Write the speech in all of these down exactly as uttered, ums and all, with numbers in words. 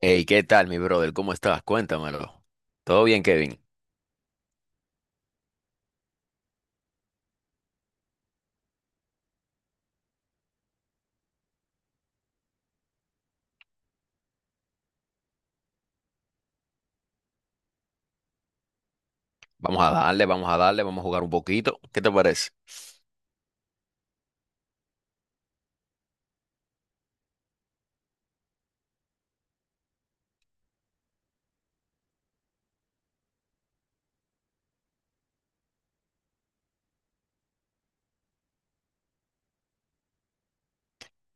Hey, ¿qué tal, mi brother? ¿Cómo estás? Cuéntamelo. ¿Todo bien, Kevin? Vamos a darle, vamos a darle, vamos a jugar un poquito. ¿Qué te parece?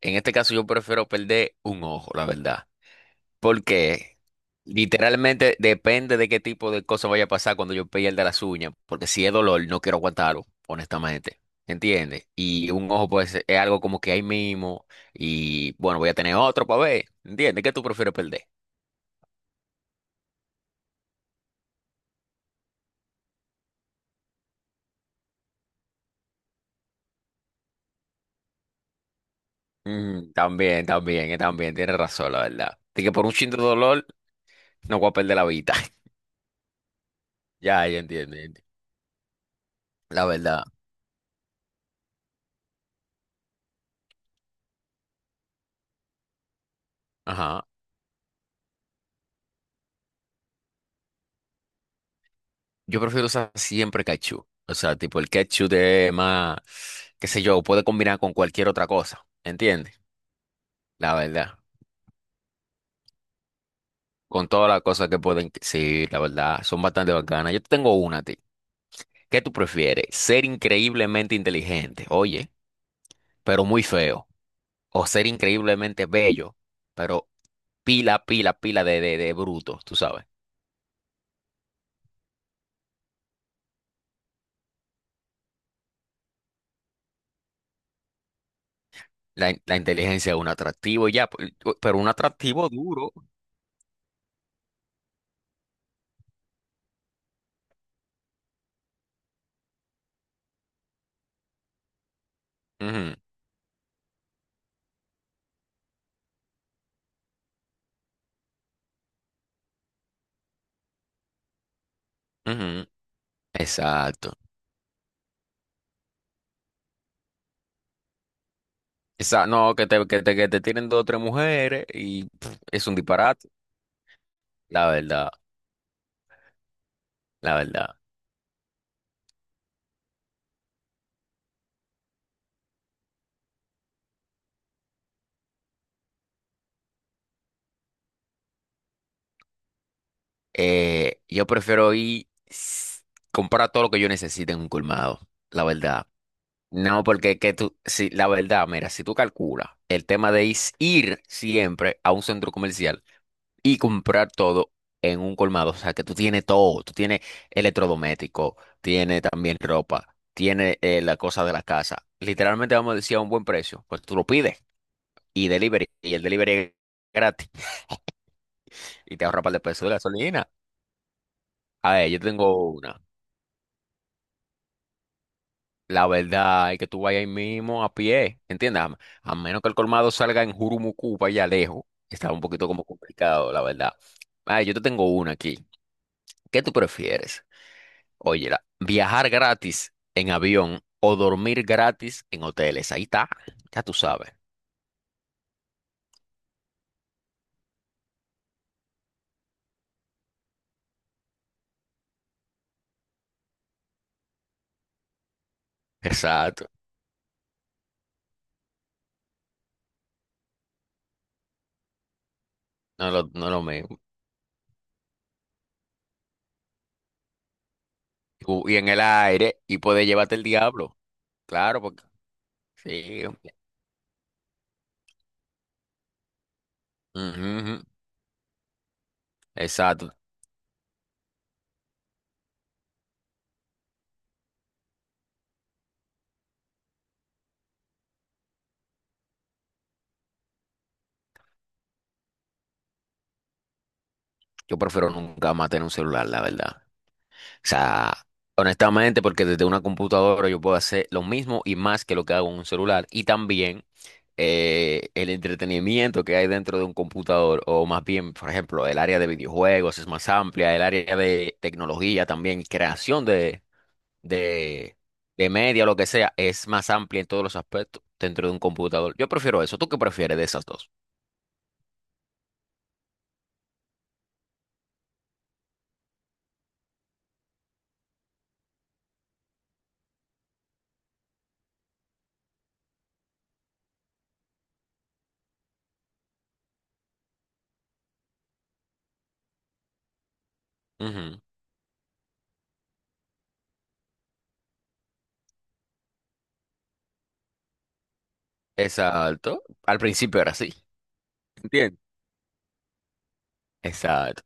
En este caso yo prefiero perder un ojo, la verdad. Porque literalmente depende de qué tipo de cosa vaya a pasar cuando yo pierda las uñas. Porque si es dolor, no quiero aguantarlo, honestamente. ¿Entiendes? Y un ojo pues es algo como que ahí mismo. Y bueno, voy a tener otro para ver. ¿Entiendes? ¿Qué tú prefieres perder? Mm, también, también, eh, también, tienes razón, la verdad. De que por un chin de dolor no voy a perder la vida. Ya, ya entiendo, ya entiendo. La verdad. Ajá. Yo prefiero usar siempre ketchup. O sea, tipo el ketchup de más, qué sé yo, puede combinar con cualquier otra cosa. ¿Entiendes? La verdad. Con todas las cosas que pueden. Sí, la verdad. Son bastante bacanas. Yo te tengo una a ti. ¿Qué tú prefieres? ¿Ser increíblemente inteligente? Oye, pero muy feo. O ser increíblemente bello, pero pila, pila, pila de, de, de bruto, tú sabes. La, in- la inteligencia es un atractivo ya, pe- pero un atractivo duro. Ujú, ujú. Exacto. Esa, no, que te, que te, que te tienen dos o tres mujeres y pff, es un disparate. La verdad, la verdad. Eh, yo prefiero ir s- comprar todo lo que yo necesite en un colmado, la verdad. No, porque que tú, sí, la verdad, mira, si tú calculas el tema de is- ir siempre a un centro comercial y comprar todo en un colmado, o sea, que tú tienes todo, tú tienes electrodoméstico, tienes también ropa, tienes eh, la cosa de la casa. Literalmente vamos a decir a un buen precio, pues tú lo pides y delivery, y el delivery es gratis y te ahorra un par de pesos de gasolina. A ver, yo tengo una. La verdad es que tú vayas ahí mismo a pie, ¿entiendes? A, a menos que el colmado salga en Jurumucu, para allá lejos. Está un poquito como complicado, la verdad. Ah, yo te tengo una aquí. ¿Qué tú prefieres? Oye, la- viajar gratis en avión o dormir gratis en hoteles. Ahí está, ya tú sabes. Exacto, no es lo, no es lo mismo. U- Y en el aire, y puede llevarte el diablo. Claro, porque sí. Ujú, ujú, exacto. Yo prefiero nunca más tener un celular, la verdad. O sea, honestamente, porque desde una computadora yo puedo hacer lo mismo y más que lo que hago en un celular. Y también eh, el entretenimiento que hay dentro de un computador, o más bien, por ejemplo, el área de videojuegos es más amplia, el área de tecnología también, creación de, de, de media, lo que sea, es más amplia en todos los aspectos dentro de un computador. Yo prefiero eso. ¿Tú qué prefieres de esas dos? Ujú. Exacto. Al principio era así. ¿Entiendes? Exacto.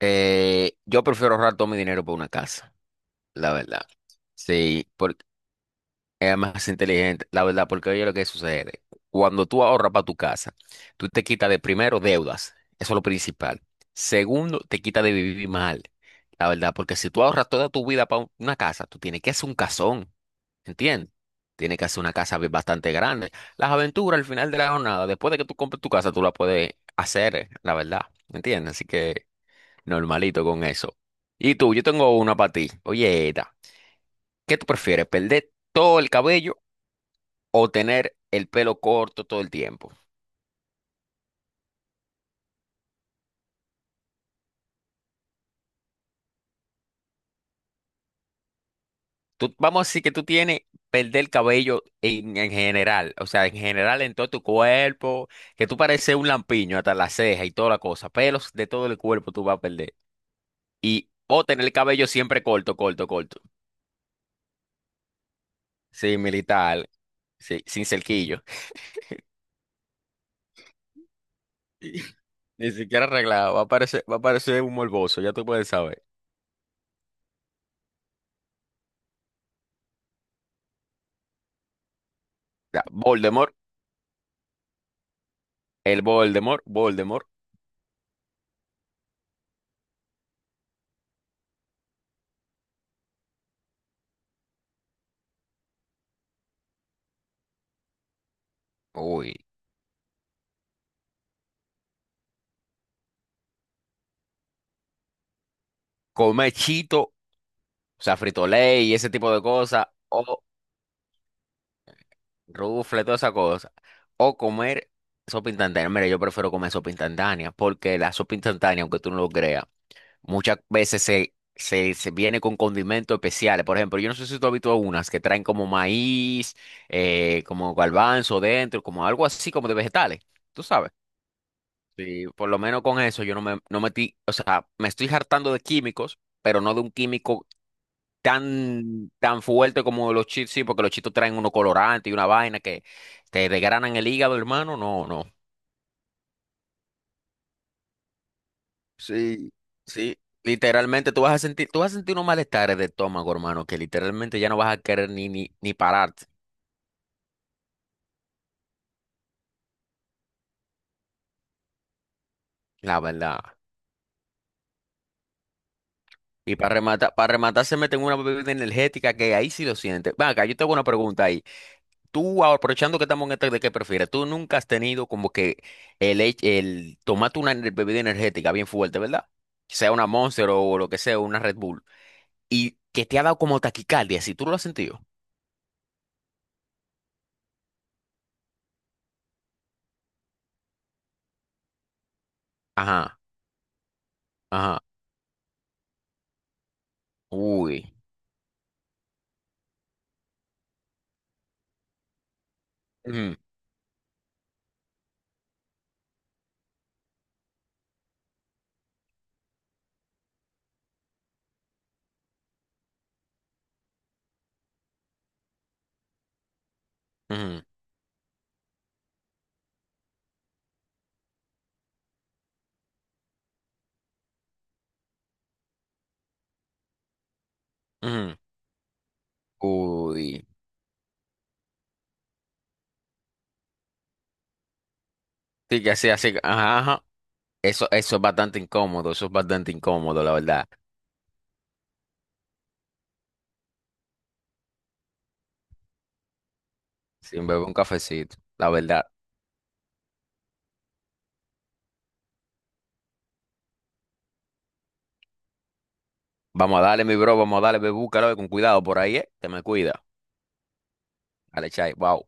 Eh, yo prefiero ahorrar todo mi dinero por una casa, la verdad. Sí, porque es más inteligente, la verdad, porque oye lo que sucede. Cuando tú ahorras para tu casa, tú te quitas de primero deudas, eso es lo principal. Segundo, te quitas de vivir mal, la verdad, porque si tú ahorras toda tu vida para una casa, tú tienes que hacer un casón, ¿entiendes? Tienes que hacer una casa bi- bastante grande. Las aventuras al final de la jornada, después de que tú compres tu casa, tú la puedes hacer, eh, la verdad, ¿entiendes? Así que normalito con eso. Y tú, yo tengo una para ti. Oye, Eta, ¿qué tú prefieres? ¿Perder todo el cabello o tener el pelo corto todo el tiempo? Tú, vamos a decir que tú tienes perder el cabello en, en general, o sea, en general en todo tu cuerpo, que tú pareces un lampiño hasta la ceja y toda la cosa, pelos de todo el cuerpo tú vas a perder. Y o tener el cabello siempre corto, corto, corto. Sí, militar, sí, sin cerquillo. Ni siquiera arreglado, va a parecer, va a parecer un morboso, ya tú puedes saber. Ya, Voldemort, el Voldemort, Voldemort. Uy. Come Chito, o sea, fritolé y ese tipo de cosas. O rufle, toda esa cosa. O comer sopa instantánea. Mira, yo prefiero comer sopa instantánea. Porque la sopa instantánea, aunque tú no lo creas, muchas veces se, se, se viene con condimentos especiales. Por ejemplo, yo no sé si tú has visto unas que traen como maíz, eh, como garbanzo dentro, como algo así como de vegetales. ¿Tú sabes? Sí, por lo menos con eso yo no me no metí, o sea, me estoy hartando de químicos, pero no de un químico tan, tan fuerte como los chips, sí, porque los chitos traen uno colorante y una vaina que te desgranan el hígado, hermano. No, no. Sí, sí. Literalmente tú vas a sentir, tú vas a sentir unos malestares de estómago, hermano, que literalmente ya no vas a querer ni, ni, ni pararte, la verdad. Y para rematar, para rematar se meten una bebida energética que ahí sí lo sientes. Venga, yo tengo una pregunta ahí. Tú, aprovechando que estamos en este de qué prefieres, tú nunca has tenido como que el, hech- el tomate una ener- bebida energética bien fuerte, ¿verdad? Sea una Monster o lo que sea, una Red Bull, y que te ha dado como taquicardia, si tú lo has sentido. Ajá, ajá, uy, ujú, ujú, ujú, uy, sí, que así, así, ajá, ajá. Eso, eso es bastante incómodo, eso es bastante incómodo, la verdad. Sin beber un cafecito, la verdad. Vamos a darle, mi bro, vamos a darle, bebú, carajo, con cuidado por ahí, ¿eh? Te me cuida. Dale, chai, wow.